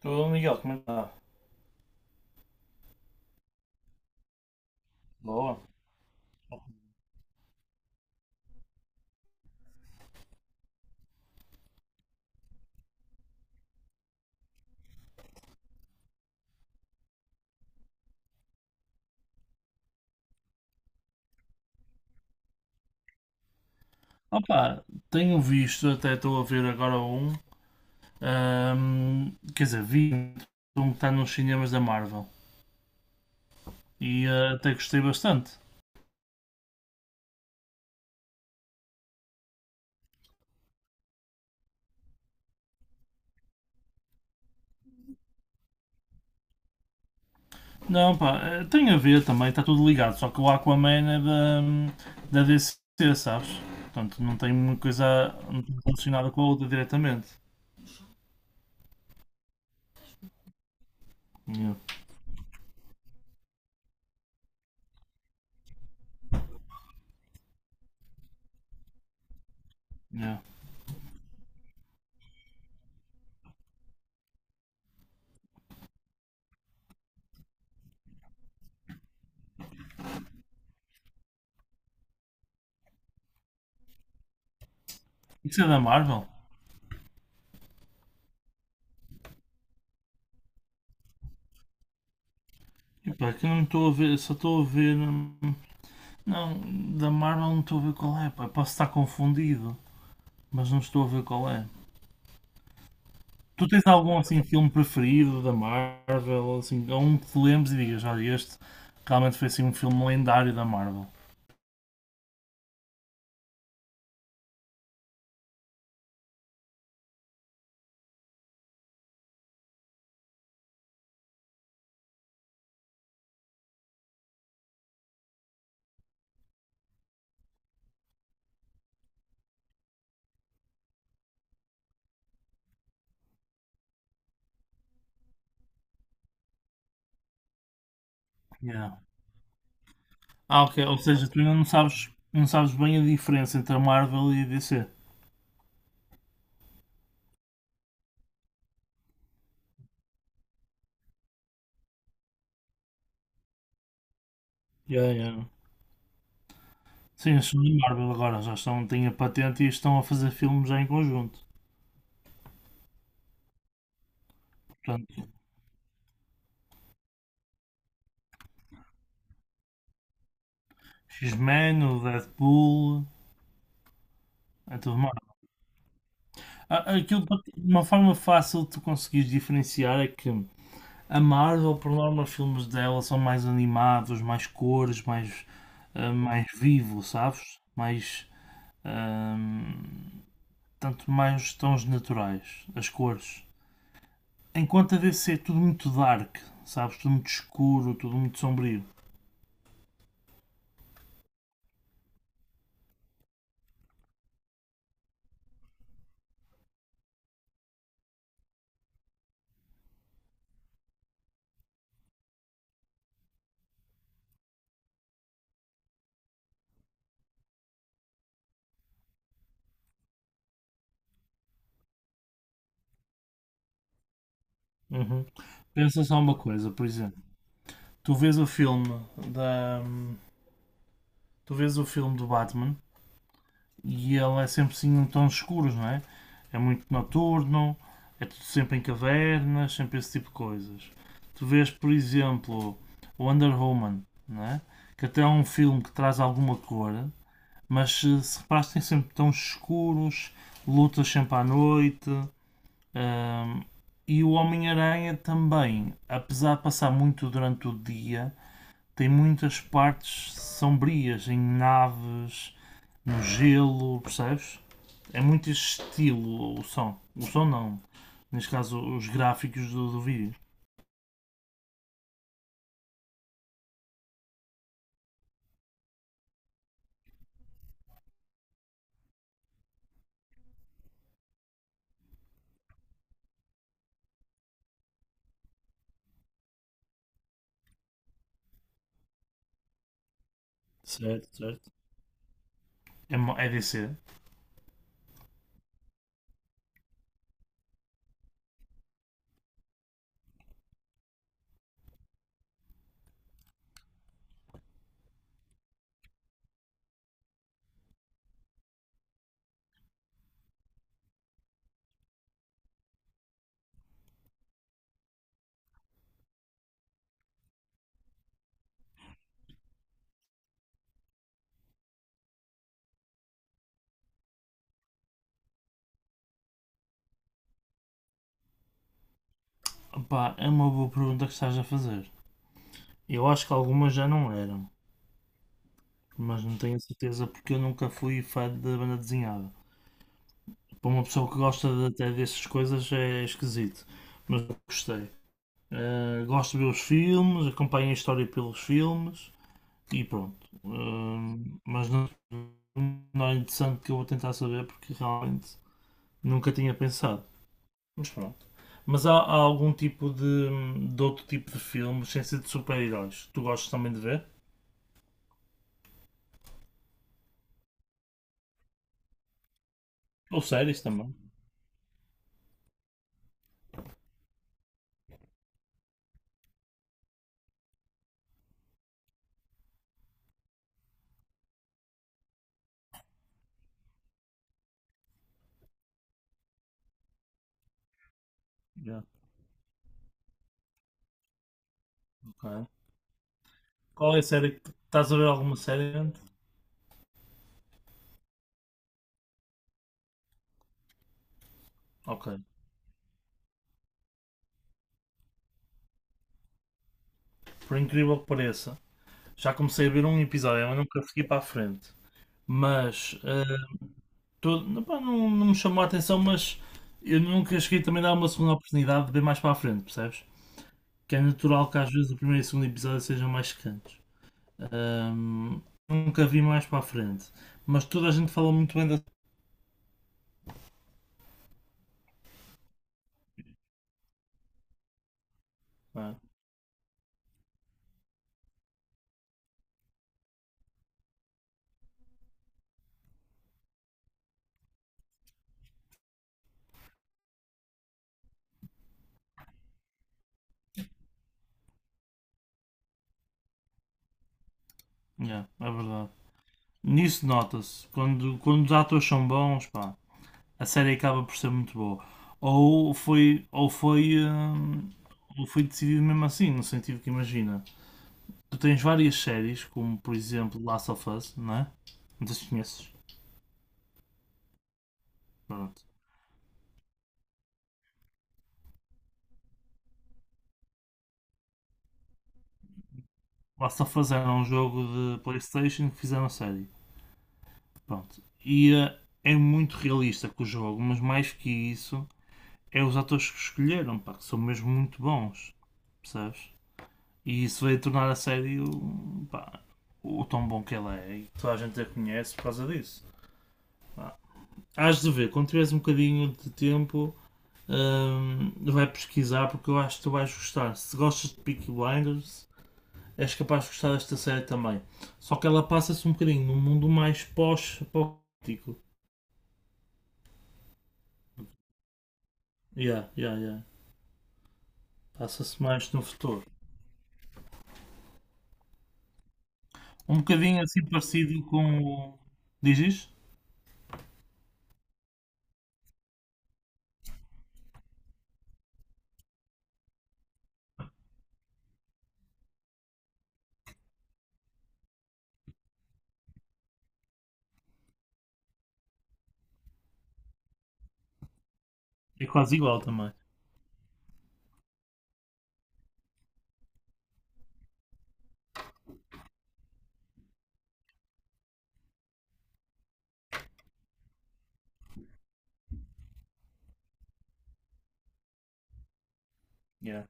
Tudo, Miguel, como é que está? Boa. Opa, tenho visto, até estou a ver agora um, quer dizer, vi um que está nos cinemas da Marvel e até gostei bastante. Não, pá, tem a ver também, está tudo ligado, só que o Aquaman é da DC, sabes? Portanto, não tem muita coisa, não tem relacionada com a outra diretamente. Yeah, yeah. Isso é da Marvel? E pá, que eu não estou a ver, só estou a ver. Não, da Marvel não estou a ver qual é, pá. Posso estar confundido, mas não estou a ver qual é. Tu tens algum assim filme preferido da Marvel, assim, ou um que te lembres e digas, olha, este realmente foi assim um filme lendário da Marvel. Yeah. Ah, ok, ou seja, tu ainda não sabes, não sabes bem a diferença entre a Marvel e a DC. Yeah, yeah. Sim, eles são da Marvel agora, já estão, têm a patente e estão a fazer filmes já em conjunto. Portanto, X-Men, o Deadpool, é tudo. Ah, aquilo, uma forma fácil de tu conseguires diferenciar é que a Marvel, por norma, os filmes dela são mais animados, mais cores, mais, mais vivo, sabes? Mais, ahm, tanto mais os tons naturais, as cores. Enquanto a DC é tudo muito dark, sabes? Tudo muito escuro, tudo muito sombrio. Uhum. Pensa só uma coisa, por exemplo, tu vês o filme da, tu vês o filme do Batman e ele é sempre assim em tons escuros, não é? É muito noturno, é tudo sempre em cavernas, sempre esse tipo de coisas. Tu vês, por exemplo, Wonder Woman, não é? Que até é um filme que traz alguma cor, mas se reparas, tem sempre tons escuros, lutas sempre à noite. Hum, e o Homem-Aranha também, apesar de passar muito durante o dia, tem muitas partes sombrias em naves, no gelo, percebes? É muito esse estilo o som. O som não. Neste caso, os gráficos do vídeo. Certo, certo. É, é DC. Pá, é uma boa pergunta que estás a fazer. Eu acho que algumas já não eram, mas não tenho certeza porque eu nunca fui fã da banda desenhada. Para uma pessoa que até dessas coisas é esquisito, mas eu gostei. Gosto de ver os filmes, acompanho a história pelos filmes. E pronto. Não, é interessante que eu vou tentar saber porque realmente nunca tinha pensado. Mas pronto. Mas há algum tipo de outro tipo de filmes, sem ser de super-heróis, que tu gostas também de ver? Ou séries também? Já, ok. Qual é a série que estás a ver, alguma série antes? Ok. Por incrível que pareça, já comecei a ver um episódio, mas nunca fiquei para a frente. Mas não, pá, não me chamou a atenção, mas eu nunca cheguei também a dar uma segunda oportunidade de ver mais para a frente, percebes? Que é natural que às vezes o primeiro e o segundo episódio sejam mais secantes. Ahm, Nunca vi mais para a frente, mas toda a gente fala muito bem da. Pá, yeah, é verdade. Nisso nota-se, quando os atores são bons, pá, a série acaba por ser muito boa. Ou foi, ou foi decidido mesmo assim, no sentido que imagina. Tu tens várias séries, como por exemplo Last of Us, não é? Não sei se conheces. Pronto. Last of Us era um jogo de Playstation que fizeram a série. Pronto. E é muito realista com o jogo, mas mais que isso, é os atores que escolheram, pá, que são mesmo muito bons. Percebes? E isso veio tornar a série o, pá, o tão bom que ela é, e toda a gente a conhece por causa disso. Pá. Hás de ver, quando tiveres um bocadinho de tempo, vai pesquisar, porque eu acho que tu vais gostar. Se gostas de Peaky Blinders, és capaz de gostar desta série também. Só que ela passa-se um bocadinho num mundo mais pós-apocalíptico. Yeah, yeah, yeah. Passa-se mais no futuro. Um bocadinho assim parecido com o. Diz isto? É quase igual também. Yeah,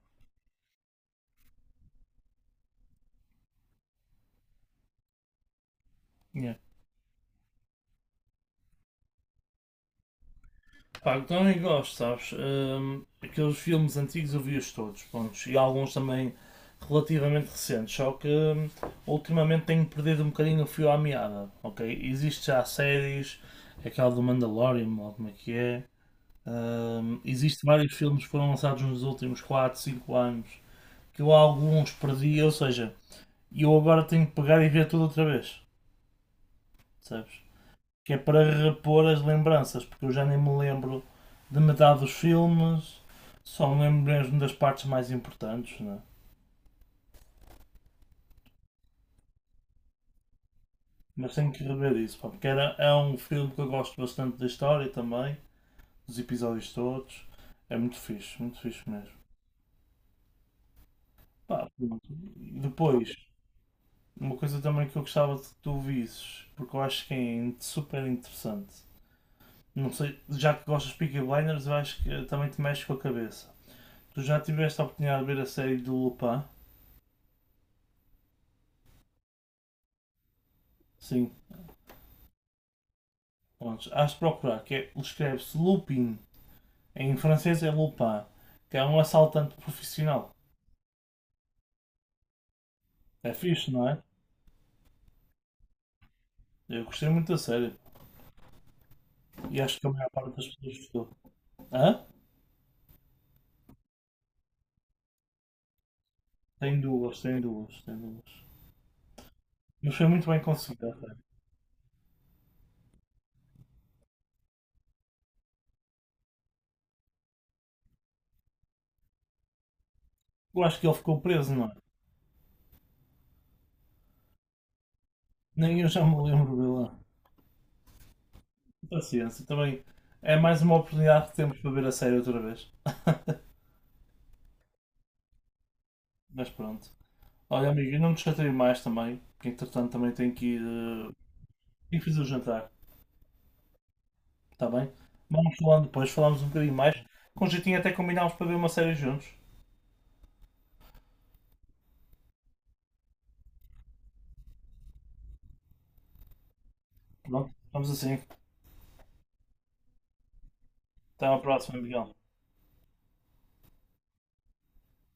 yeah. Pá, eu também gosto, sabes? Aqueles filmes antigos eu vi-os todos, pontos, e alguns também relativamente recentes, só que ultimamente tenho perdido um bocadinho o fio à meada, ok? Existem já séries, aquela do Mandalorian, ou como é que é, existe vários filmes que foram lançados nos últimos 4, 5 anos, que eu alguns perdi, ou seja, eu agora tenho que pegar e ver tudo outra vez, sabes? Que é para repor as lembranças, porque eu já nem me lembro de metade dos filmes, só me lembro mesmo das partes mais importantes, né? Mas tenho que rever isso, pá, porque era, é um filme que eu gosto bastante da história também, dos episódios todos, é muito fixe mesmo. Pá, pronto. E depois, uma coisa também que eu gostava de que tu visses, porque eu acho que é super interessante, não sei, já que gostas de Peaky Blinders, eu acho que também te mexe com a cabeça. Tu já tiveste a oportunidade de ver a série do Lupin? Sim, pronto, hás de procurar, que é, escreve-se Lupin, em francês é Lupin, que é um assaltante profissional. É fixe, não é? Eu gostei muito da série. E acho que a maior parte das pessoas gostou. Hã? Tem duas, tem duas, tem duas. Mas foi muito bem conseguida a série. Eu acho que ele ficou preso, não é? Nem eu já me lembro dele lá. Paciência, também é mais uma oportunidade que temos para ver a série outra vez. Mas pronto. Olha, amigo, eu não me chatei mais também, porque entretanto também tenho que ir. Tenho que fazer o jantar. Está bem? Vamos falando depois, falamos um bocadinho mais. Com jeitinho até combinámos para ver uma série juntos. Pronto, vamos assim. Até à próxima, Miguel.